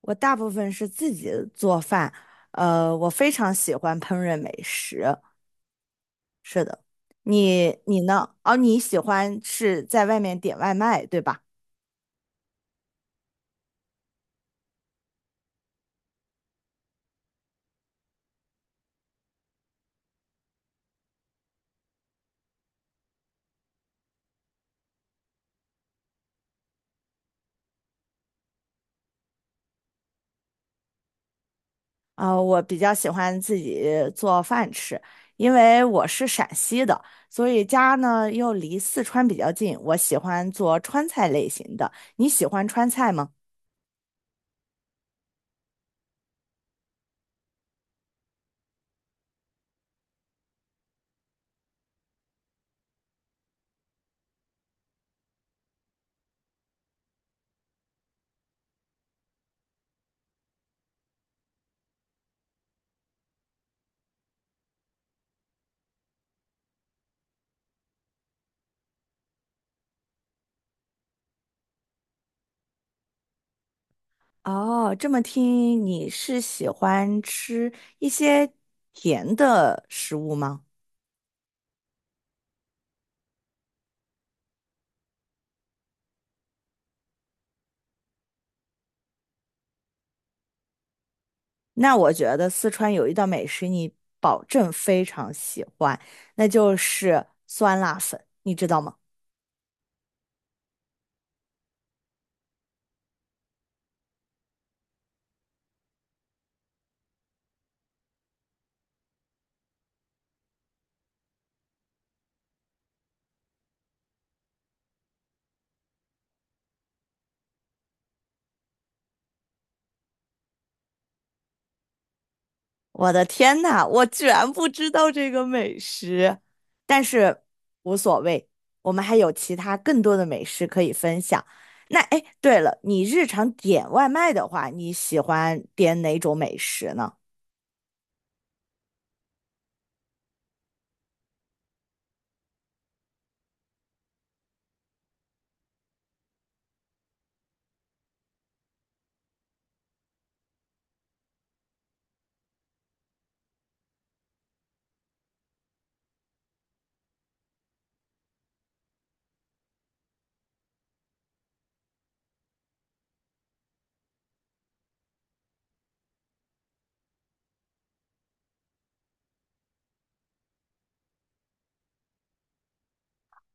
我大部分是自己做饭，我非常喜欢烹饪美食。是的，你呢？哦，你喜欢是在外面点外卖，对吧？啊、我比较喜欢自己做饭吃，因为我是陕西的，所以家呢又离四川比较近，我喜欢做川菜类型的。你喜欢川菜吗？哦，这么听你是喜欢吃一些甜的食物吗？那我觉得四川有一道美食你保证非常喜欢，那就是酸辣粉，你知道吗？我的天呐，我居然不知道这个美食，但是无所谓，我们还有其他更多的美食可以分享。那哎，诶对了，你日常点外卖的话，你喜欢点哪种美食呢？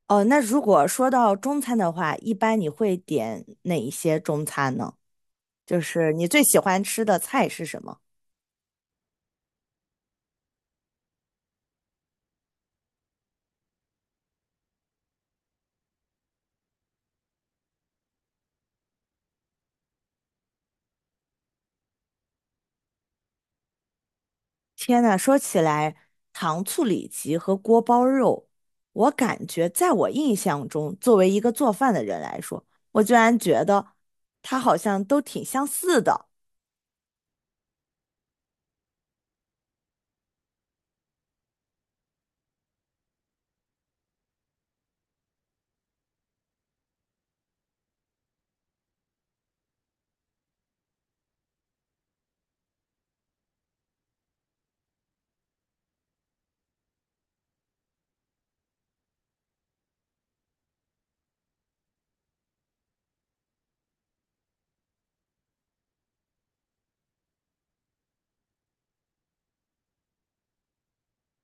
哦，那如果说到中餐的话，一般你会点哪一些中餐呢？就是你最喜欢吃的菜是什么？天呐，说起来，糖醋里脊和锅包肉，我感觉在我印象中，作为一个做饭的人来说，我居然觉得它好像都挺相似的。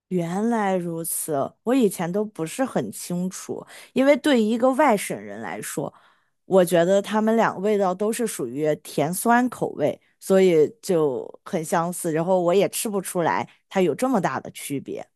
原来如此，我以前都不是很清楚，因为对于一个外省人来说，我觉得他们俩味道都是属于甜酸口味，所以就很相似，然后我也吃不出来它有这么大的区别。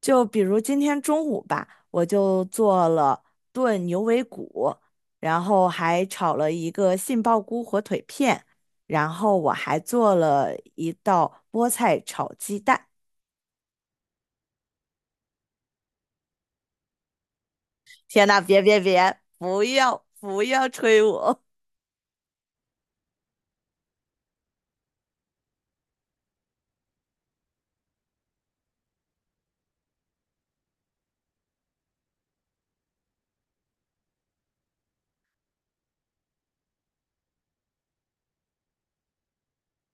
就比如今天中午吧，我就做了炖牛尾骨，然后还炒了一个杏鲍菇火腿片，然后我还做了一道菠菜炒鸡蛋。天呐，别别别，不要不要吹我！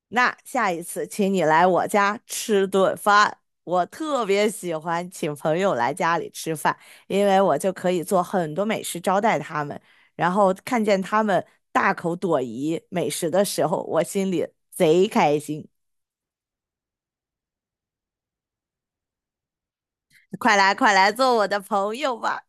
那下一次请你来我家吃顿饭。我特别喜欢请朋友来家里吃饭，因为我就可以做很多美食招待他们，然后看见他们大口朵颐美食的时候，我心里贼开心。快来，快来做我的朋友吧！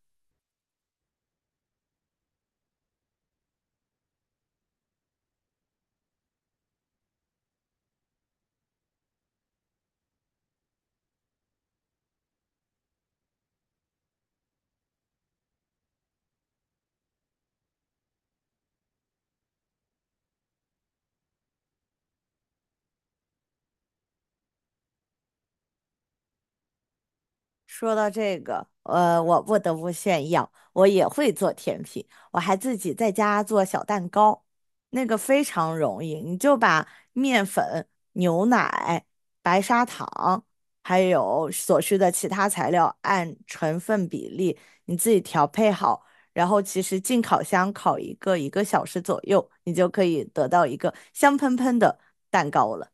说到这个，我不得不炫耀，我也会做甜品，我还自己在家做小蛋糕，那个非常容易，你就把面粉、牛奶、白砂糖，还有所需的其他材料按成分比例你自己调配好，然后其实进烤箱烤一个小时左右，你就可以得到一个香喷喷的蛋糕了。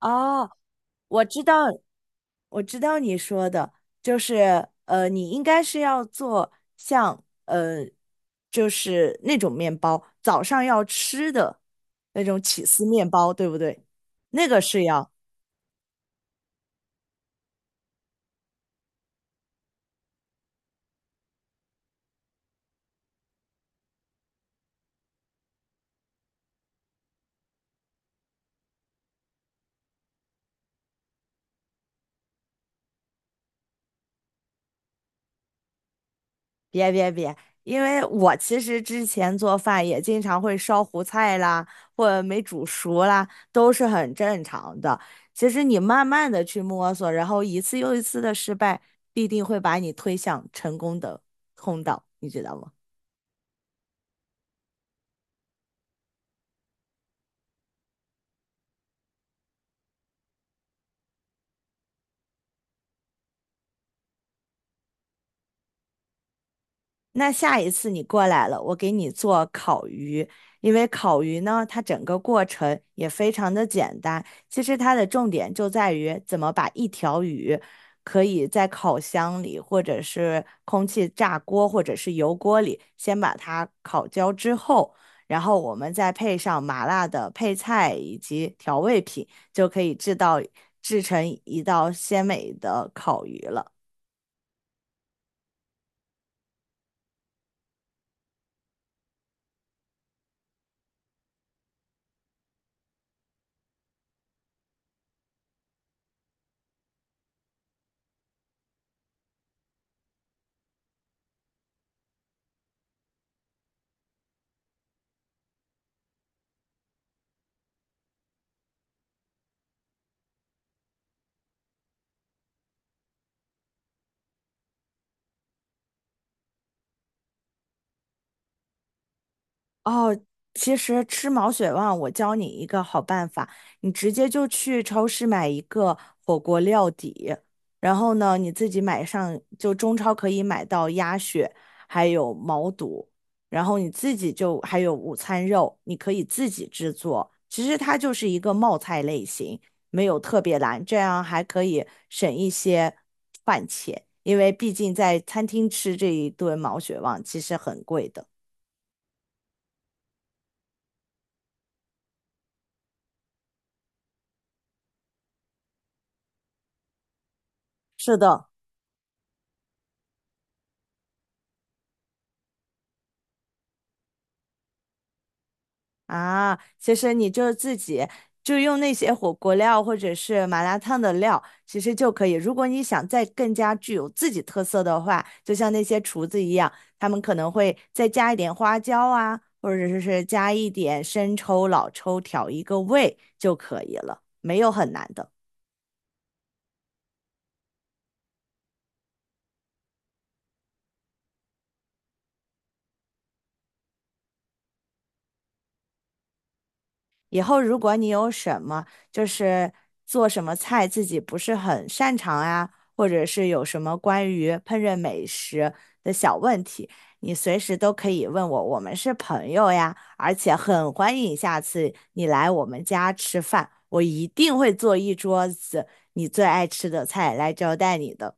哦，我知道，我知道你说的，就是你应该是要做像就是那种面包，早上要吃的那种起司面包，对不对？那个是要，别别别，因为我其实之前做饭也经常会烧糊菜啦，或者没煮熟啦，都是很正常的。其实你慢慢的去摸索，然后一次又一次的失败，必定会把你推向成功的通道，你知道吗？那下一次你过来了，我给你做烤鱼，因为烤鱼呢，它整个过程也非常的简单。其实它的重点就在于怎么把一条鱼可以在烤箱里，或者是空气炸锅，或者是油锅里，先把它烤焦之后，然后我们再配上麻辣的配菜以及调味品，就可以制成一道鲜美的烤鱼了。哦，其实吃毛血旺，我教你一个好办法，你直接就去超市买一个火锅料底，然后呢，你自己买上，就中超可以买到鸭血，还有毛肚，然后你自己就还有午餐肉，你可以自己制作。其实它就是一个冒菜类型，没有特别难，这样还可以省一些饭钱，因为毕竟在餐厅吃这一顿毛血旺其实很贵的。是的。啊，其实你就自己就用那些火锅料或者是麻辣烫的料，其实就可以。如果你想再更加具有自己特色的话，就像那些厨子一样，他们可能会再加一点花椒啊，或者是加一点生抽、老抽，调一个味就可以了，没有很难的。以后如果你有什么就是做什么菜自己不是很擅长啊，或者是有什么关于烹饪美食的小问题，你随时都可以问我，我们是朋友呀，而且很欢迎下次你来我们家吃饭，我一定会做一桌子你最爱吃的菜来招待你的。